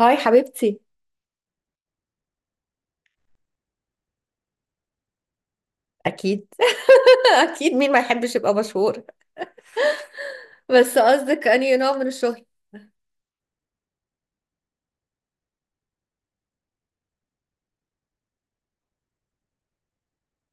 هاي حبيبتي. اكيد اكيد، مين ما يحبش يبقى مشهور؟ بس قصدك انهي نوع من الشهرة.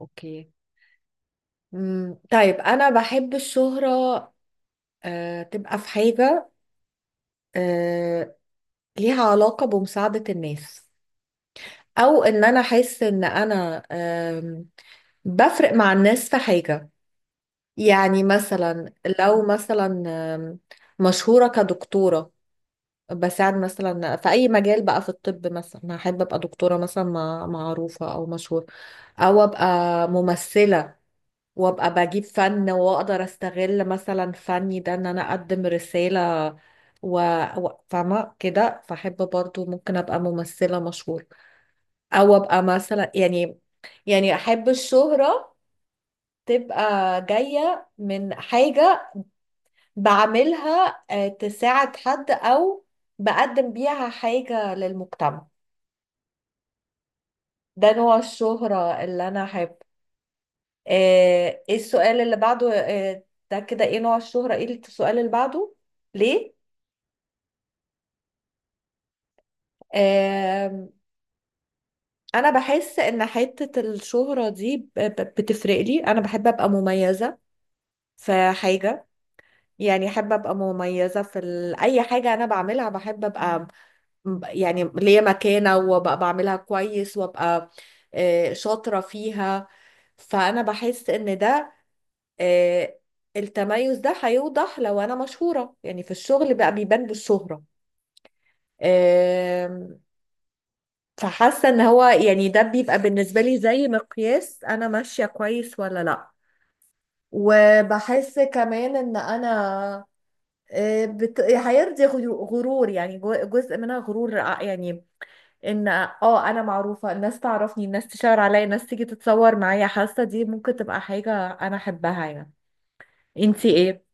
اوكي. طيب انا بحب الشهرة، تبقى في حاجة آه، ليها علاقة بمساعدة الناس، او ان انا احس ان انا بفرق مع الناس في حاجة. يعني مثلا لو مثلا آم، مشهورة كدكتورة، بساعد مثلا في اي مجال بقى، في الطب مثلا احب ابقى دكتوره مثلا معروفه او مشهور، او ابقى ممثله وابقى بجيب فن واقدر استغل مثلا فني ده ان انا اقدم رساله و... فاهمه كده، فاحب برضو ممكن ابقى ممثله مشهوره، او ابقى مثلا يعني، يعني احب الشهره تبقى جايه من حاجه بعملها تساعد حد او بقدم بيها حاجه للمجتمع. ده نوع الشهرة اللي انا احب. ايه السؤال اللي بعده؟ ده كده ايه نوع الشهرة، ايه السؤال اللي بعده؟ ليه؟ آه، انا بحس ان حتة الشهرة دي بتفرق لي، انا بحب ابقى مميزة في حاجة. يعني احب ابقى مميزة في اي حاجة انا بعملها، بحب ابقى يعني ليا مكانة وابقى بعملها كويس وابقى شاطرة فيها. فانا بحس ان ده آه، التميز ده هيوضح لو انا مشهورة، يعني في الشغل بقى بيبان بالشهرة. آم، فحاسة ان هو يعني ده بيبقى بالنسبة لي زي مقياس، انا ماشية كويس ولا لا. وبحس كمان ان انا هيرضي غرور، يعني جزء منها غرور، يعني ان اه انا معروفة، الناس تعرفني، الناس تشاور عليا، الناس تيجي تتصور معايا، حاسة دي ممكن تبقى حاجة انا احبها يعني. انتي ايه؟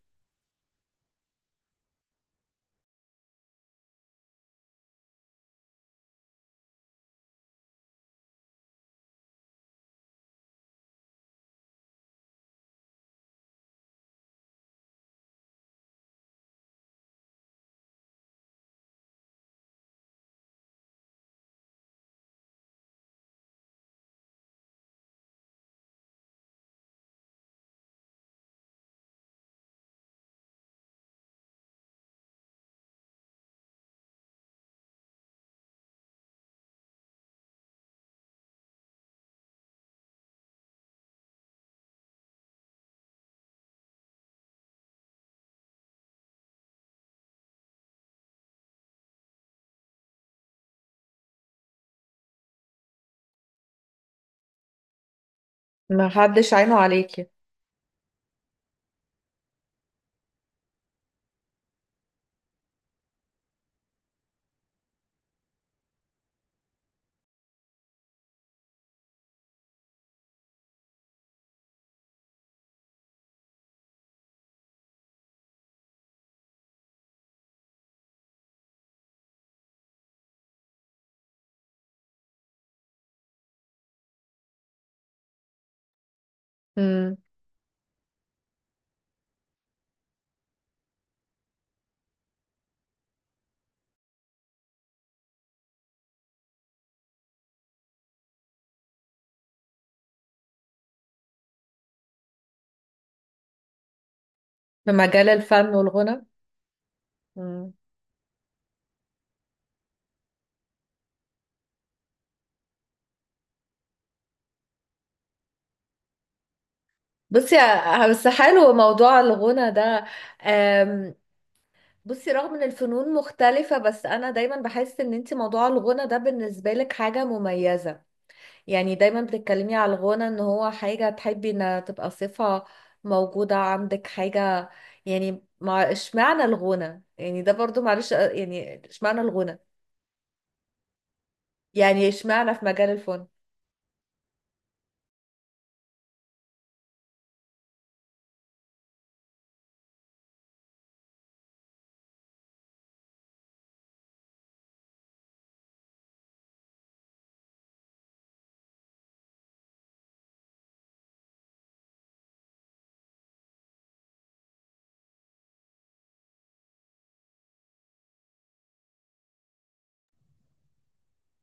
ما حدش عينه عليكي. مم. في مجال الفن والغنى. مم. بصي، بس حلو موضوع الغنى ده. أم، بصي، رغم ان الفنون مختلفة، بس انا دايما بحس ان انت موضوع الغنى ده بالنسبة لك حاجة مميزة. يعني دايما بتتكلمي على الغنى ان هو حاجة تحبي ان تبقى صفة موجودة عندك، حاجة يعني. مع اشمعنى الغنى؟ يعني ده برضو معلش، يعني اشمعنى الغنى، يعني اشمعنى في مجال الفن.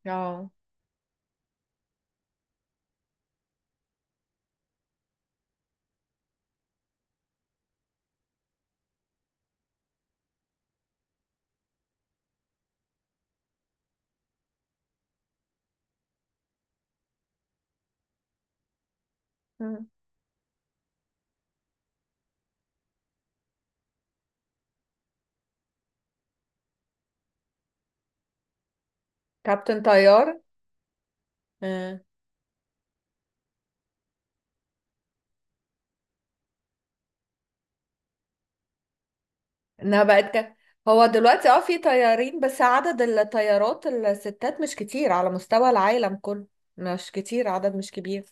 اه. مم. كابتن طيار. انها بقت هو دلوقتي اه في طيارين، بس عدد الطيارات الستات مش كتير على مستوى العالم كله، مش كتير، عدد مش كبير.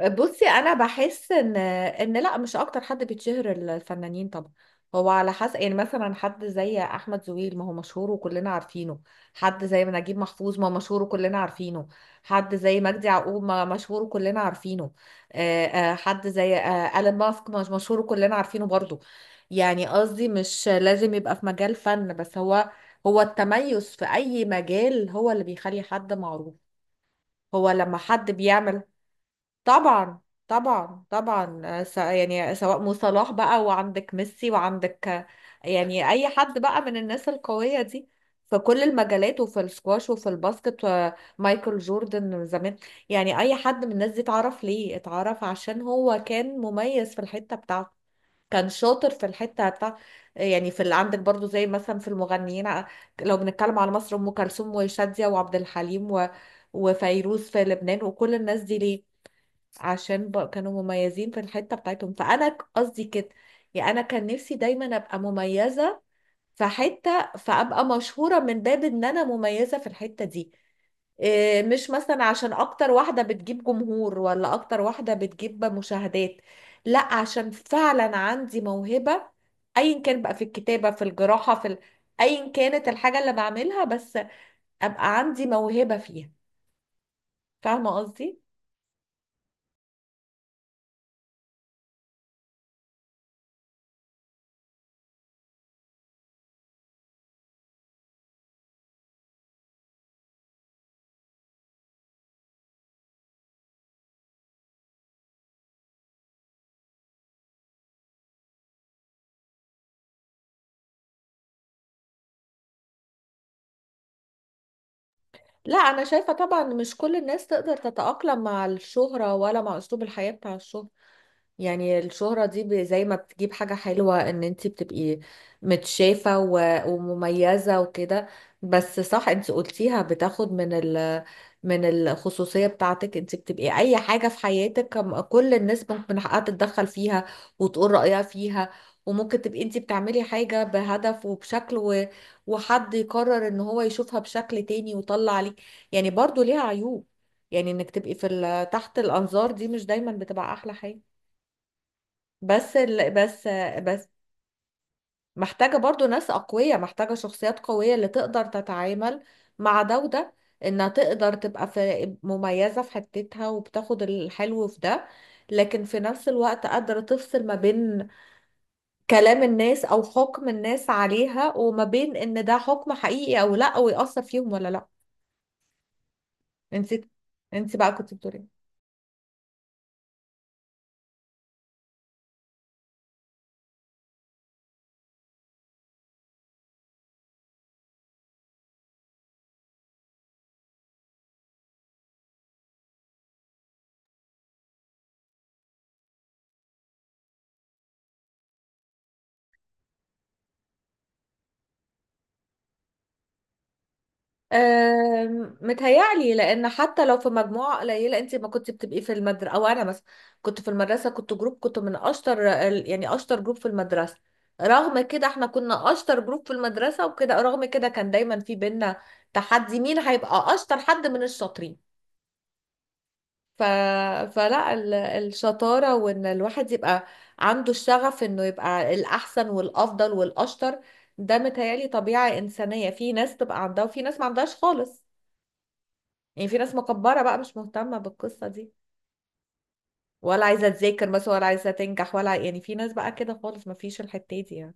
بصي انا بحس ان لا، مش اكتر حد بيتشهر الفنانين طبعا. هو على حسب. يعني مثلا حد زي احمد زويل، ما هو مشهور وكلنا عارفينه. حد زي نجيب محفوظ، ما هو مشهور وكلنا عارفينه. حد زي مجدي يعقوب، ما مشهور وكلنا عارفينه. حد زي ألين ماسك مش مشهور وكلنا عارفينه برضو. يعني قصدي مش لازم يبقى في مجال فن بس. هو التميز في اي مجال هو اللي بيخلي حد معروف. هو لما حد بيعمل. طبعا، طبعا، طبعا، يعني سواء مو صلاح بقى، وعندك ميسي، وعندك يعني اي حد بقى من الناس القوية دي، في كل المجالات، وفي السكواش، وفي الباسكت، مايكل جوردن زمان. يعني اي حد من الناس دي اتعرف ليه، اتعرف عشان هو كان مميز في الحتة بتاعته، كان شاطر في الحتة بتاع. يعني في اللي عندك برضو زي مثلا في المغنيين، لو بنتكلم على مصر، ام كلثوم وشادية وعبد الحليم وفيروز في لبنان، وكل الناس دي ليه؟ عشان كانوا مميزين في الحتة بتاعتهم. فأنا قصدي كده، يعني أنا كان نفسي دايما أبقى مميزة في حتة، فأبقى مشهورة من باب إن أنا مميزة في الحتة دي. إيه، مش مثلا عشان أكتر واحدة بتجيب جمهور، ولا أكتر واحدة بتجيب مشاهدات، لا، عشان فعلا عندي موهبة، أيا كان بقى، في الكتابة، في الجراحة، في أيا كانت الحاجة اللي بعملها، بس أبقى عندي موهبة فيها. فاهمة قصدي؟ لا، انا شايفة طبعا مش كل الناس تقدر تتأقلم مع الشهرة ولا مع اسلوب الحياة بتاع الشهرة. يعني الشهرة دي زي ما بتجيب حاجة حلوة، ان انتي بتبقي متشافة ومميزة وكده. بس صح، انتي قلتيها، بتاخد من من الخصوصية بتاعتك. انتي بتبقي اي حاجة في حياتك، كل الناس ممكن من حقها تتدخل فيها وتقول رأيها فيها، وممكن تبقي انتي بتعملي حاجة بهدف وبشكل، وحد يقرر ان هو يشوفها بشكل تاني ويطلع عليك. يعني برضو ليها عيوب. يعني انك تبقي في تحت الانظار دي مش دايما بتبقى احلى حاجة. بس ال... بس بس محتاجة برضو ناس أقوياء، محتاجة شخصيات قوية اللي تقدر تتعامل مع ده وده. إنها تقدر تبقى في مميزة في حتتها، وبتاخد الحلو في ده، لكن في نفس الوقت قادرة تفصل ما بين كلام الناس أو حكم الناس عليها، وما بين إن ده حكم حقيقي أو لأ، ويأثر فيهم ولا لأ. انت انت بقى كنت بتقولي إيه؟ متهيألي لأن حتى لو في مجموعة قليلة، أنت ما كنت بتبقي في المدرسة، أو أنا مثلا كنت في المدرسة كنت جروب، كنت من أشطر يعني أشطر جروب في المدرسة، رغم كده احنا كنا أشطر جروب في المدرسة وكده، رغم كده كان دايما في بينا تحدي مين هيبقى أشطر حد من الشاطرين. ف... فلا، الشطارة وإن الواحد يبقى عنده الشغف إنه يبقى الأحسن والأفضل والأشطر، ده متهيألي طبيعة إنسانية، في ناس تبقى عندها وفي ناس ما عندهاش خالص. يعني في ناس مكبرة بقى مش مهتمة بالقصة دي، ولا عايزة تذاكر مثلا، ولا عايزة تنجح، ولا يعني في ناس بقى كده خالص، ما فيش الحتة دي يعني.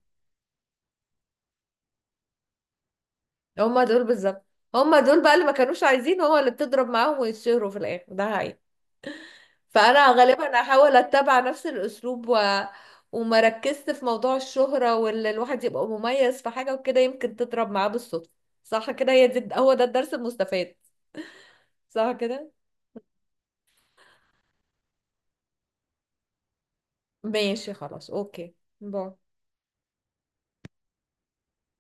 هما دول بالظبط. هما دول بقى اللي ما كانوش عايزين، هو اللي بتضرب معاهم ويتشهروا في الآخر، ده حقيقي. فأنا غالبا أحاول أتبع نفس الأسلوب وما ركزت في موضوع الشهرة، واللي الواحد يبقى مميز في حاجة وكده يمكن تضرب معاه بالصدفة. صح كده، هي دي، هو ده الدرس المستفاد. صح كده. ماشي خلاص، أوكي. باي.